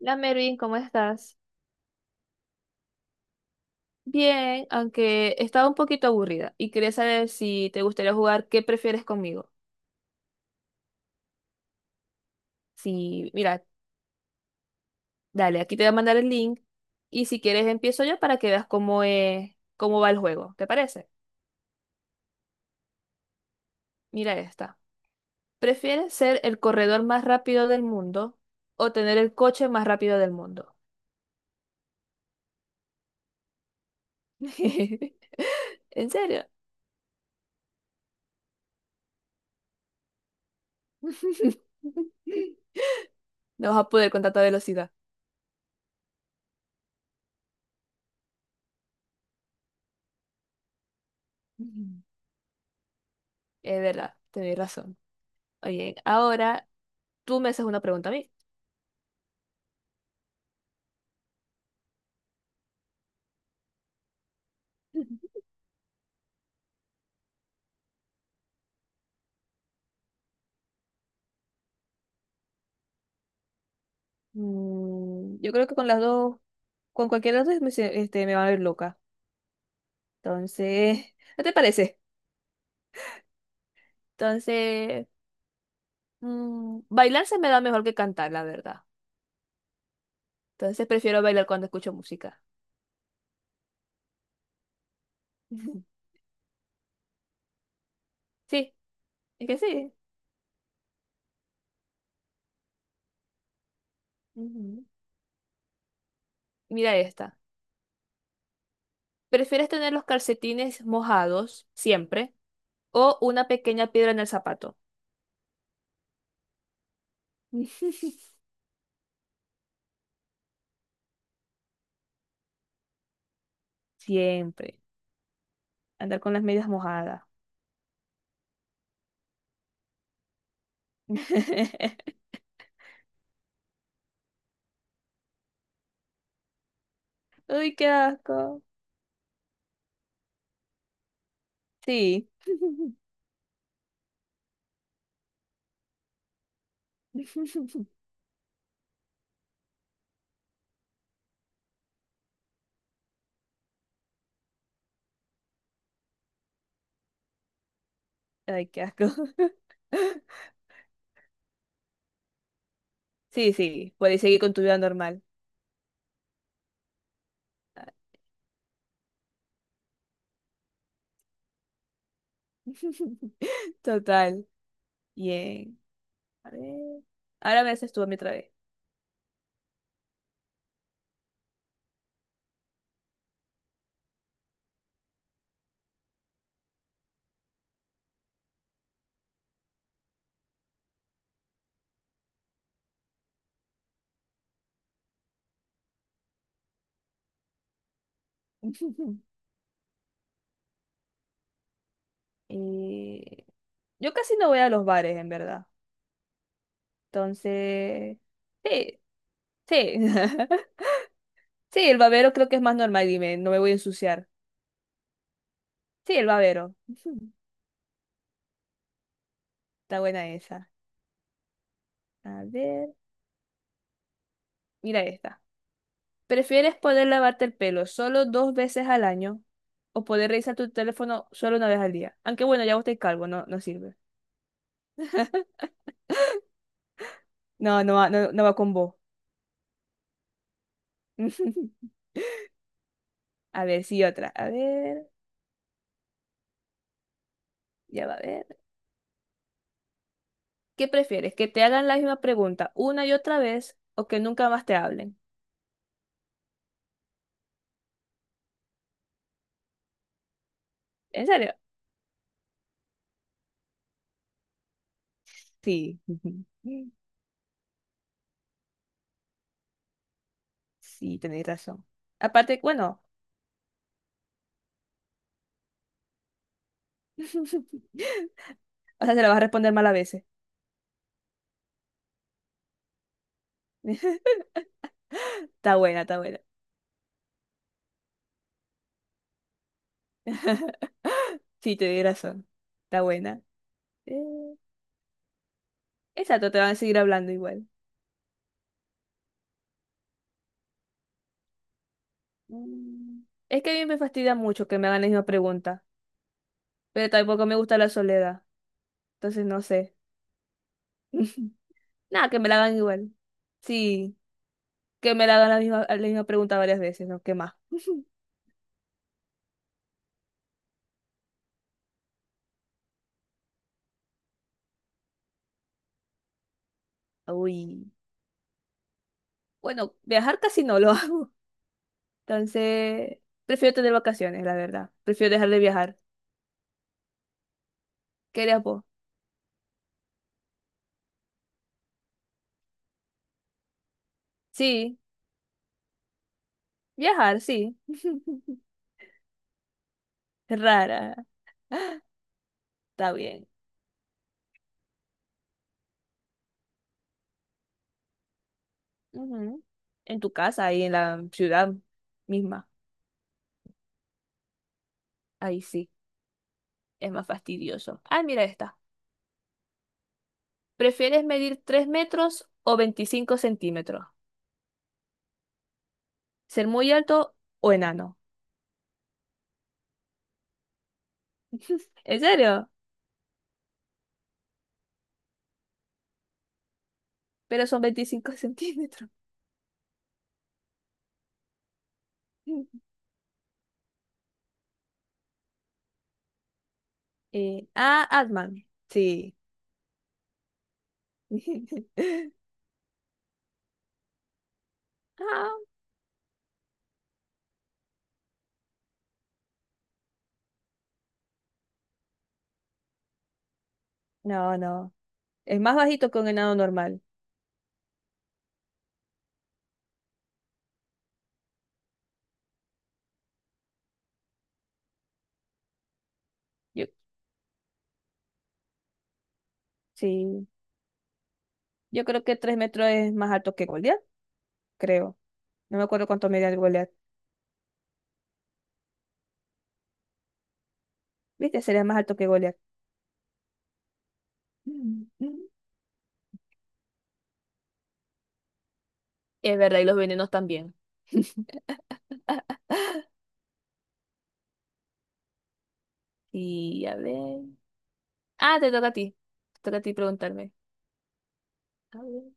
La Mervin, ¿cómo estás? Bien, aunque estaba un poquito aburrida y quería saber si te gustaría jugar qué prefieres conmigo. Si, mira, dale, aquí te voy a mandar el link y si quieres empiezo yo para que veas cómo es, cómo va el juego. ¿Te parece? Mira esta. ¿Prefieres ser el corredor más rápido del mundo o tener el coche más rápido del mundo? ¿En serio? No vas a poder con tanta velocidad. Ujú. Es verdad, tenés razón. Oye, ahora tú me haces una pregunta a mí. Yo creo que con las dos, con cualquiera de las dos me, me va a ver loca. Entonces, ¿qué te parece? Entonces, bailar se me da mejor que cantar, la verdad. Entonces prefiero bailar cuando escucho música. Ujú. Sí, es que sí. Ujú. Mira esta. ¿Prefieres tener los calcetines mojados siempre o una pequeña piedra en el zapato? Siempre. Andar con las medias mojadas. Uy, qué asco. Sí. Ay, qué asco. Sí, sí, puedes seguir con tu vida normal. Ah. Total. Bien. A ver. Ahora me haces tú a mí otra vez. Eh, yo casi no voy a los bares, en verdad. Entonces, sí, sí. Sí, el babero creo que es más normal, dime, no me voy a ensuciar. Sí, el babero. Está buena esa. A ver, mira esta. ¿Prefieres poder lavarte el pelo solo dos veces al año o poder revisar tu teléfono solo una vez al día? Aunque bueno, ya vos estáis calvo, no, no sirve. No, no va, no, no va con vos. A ver, sí, otra. A ver, ya va a ver. ¿Qué prefieres? ¿Que te hagan la misma pregunta una y otra vez o que nunca más te hablen? ¿En serio? Sí. Sí, tenéis razón. Aparte, bueno. O sea, se la vas a responder mal a veces. Está buena, está buena. Sí, tenéis razón. Está buena. Eh, Exacto, te van a seguir hablando igual. Mm. Es que a mí me fastidia mucho que me hagan la misma pregunta, pero tampoco me gusta la soledad, entonces no sé. Nada, que me la hagan igual. Sí, que me la hagan la misma pregunta varias veces, ¿no? ¿Qué más? Uy. Bueno, viajar casi no lo hago, entonces prefiero tener vacaciones, la verdad. Prefiero dejar de viajar. ¿Qué harías vos? Sí, viajar, sí. Rara. Está bien. Ujú. En tu casa, ahí en la ciudad misma. Ahí sí, es más fastidioso. Ah, mira esta. ¿Prefieres medir 3 metros o 25 centímetros? ¿Ser muy alto o enano? ¿En serio? Pero son 25 centímetros. Ah, Atman. Sí. Ah, no, no. Es más bajito que un enano normal. Yo, sí. Yo creo que 3 metros es más alto que Goliat, creo. No me acuerdo cuánto medía el Goliat. ¿Viste? Sería más alto que Goliat. Mm, mm. Es verdad, y los venenos también. Y a ver. Ah, te toca a ti. Te toca a ti preguntarme. A ver.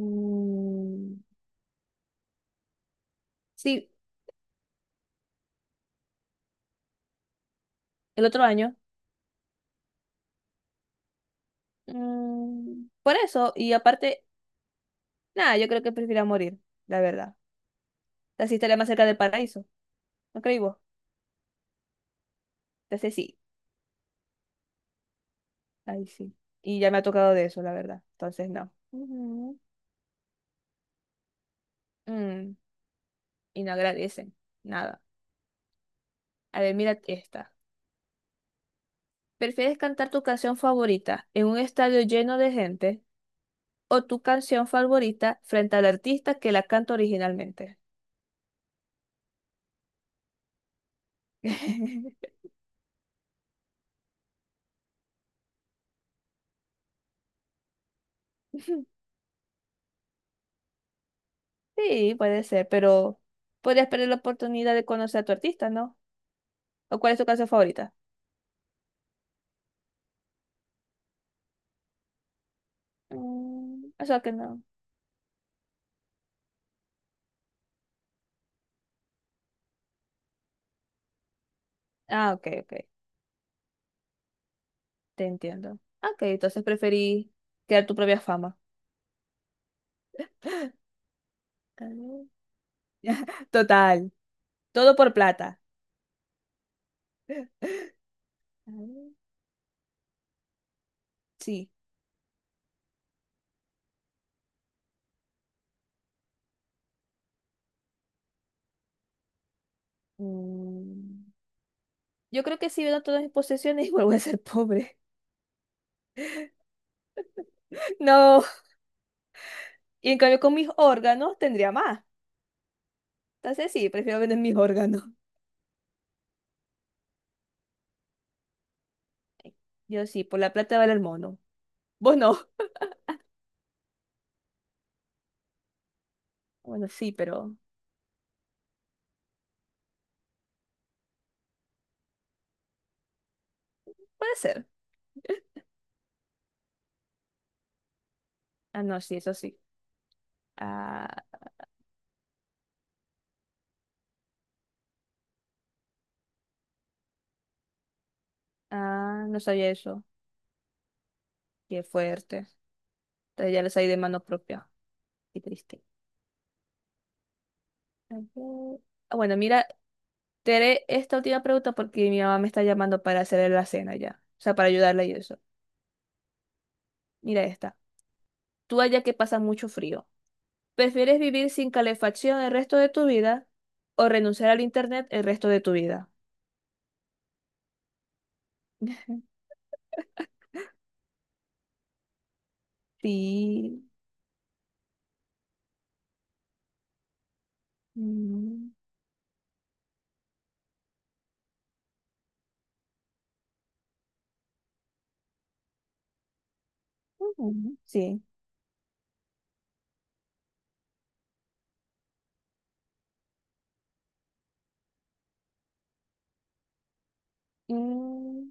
Mm, sí, el otro año. Por eso, y aparte, nada, yo creo que prefiero morir, la verdad. Así estaría más cerca del paraíso, ¿no creí vos? Entonces sí, ahí sí. Y ya me ha tocado de eso, la verdad. Entonces no. Ujú. Mm, y no agradecen, nada. A ver, mira esta. ¿Prefieres cantar tu canción favorita en un estadio lleno de gente o tu canción favorita frente al artista que la canta originalmente? Sí, puede ser, pero podrías perder la oportunidad de conocer a tu artista, ¿no? ¿O cuál es tu canción favorita? Eso que no. Ah, ok, ok, te entiendo. Ok, entonces preferí crear tu propia fama. Mm. Total, todo por plata. Mm. Sí. Mm, yo creo que si vendo todas mis posesiones, vuelvo a ser pobre. No, y en cambio con mis órganos tendría más. Entonces sí, prefiero vender mis órganos. Yo sí, por la plata vale el mono. Vos no. Bueno, sí, pero puede ser. Ah, no, sí, eso sí. Ah, ah, no sabía eso. Qué fuerte. Entonces ya lo sabía de mano propia. Qué triste. A ver. Ah, bueno, mira, te haré esta última pregunta porque mi mamá me está llamando para hacerle la cena ya. O sea, para ayudarla y eso. Mira esta. Tú allá que pasa mucho frío. ¿Prefieres vivir sin calefacción el resto de tu vida o renunciar al internet el resto de tu vida? Sí. Mm, ujú, sí, mm,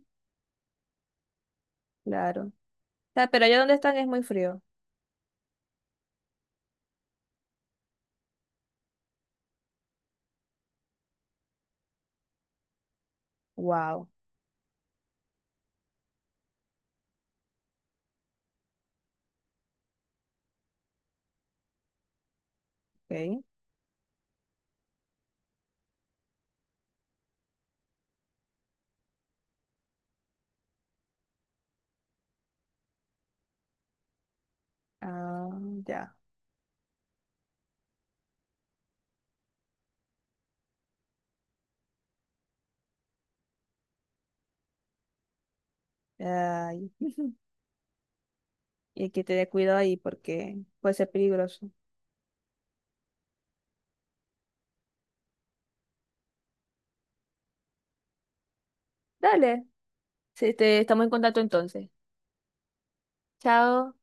claro. Ah, pero allá donde están es muy frío. Wow, ok. Ah, ya. Ay. Y hay que tener cuidado ahí porque puede ser peligroso. Dale, sí, estamos en contacto entonces. Chao.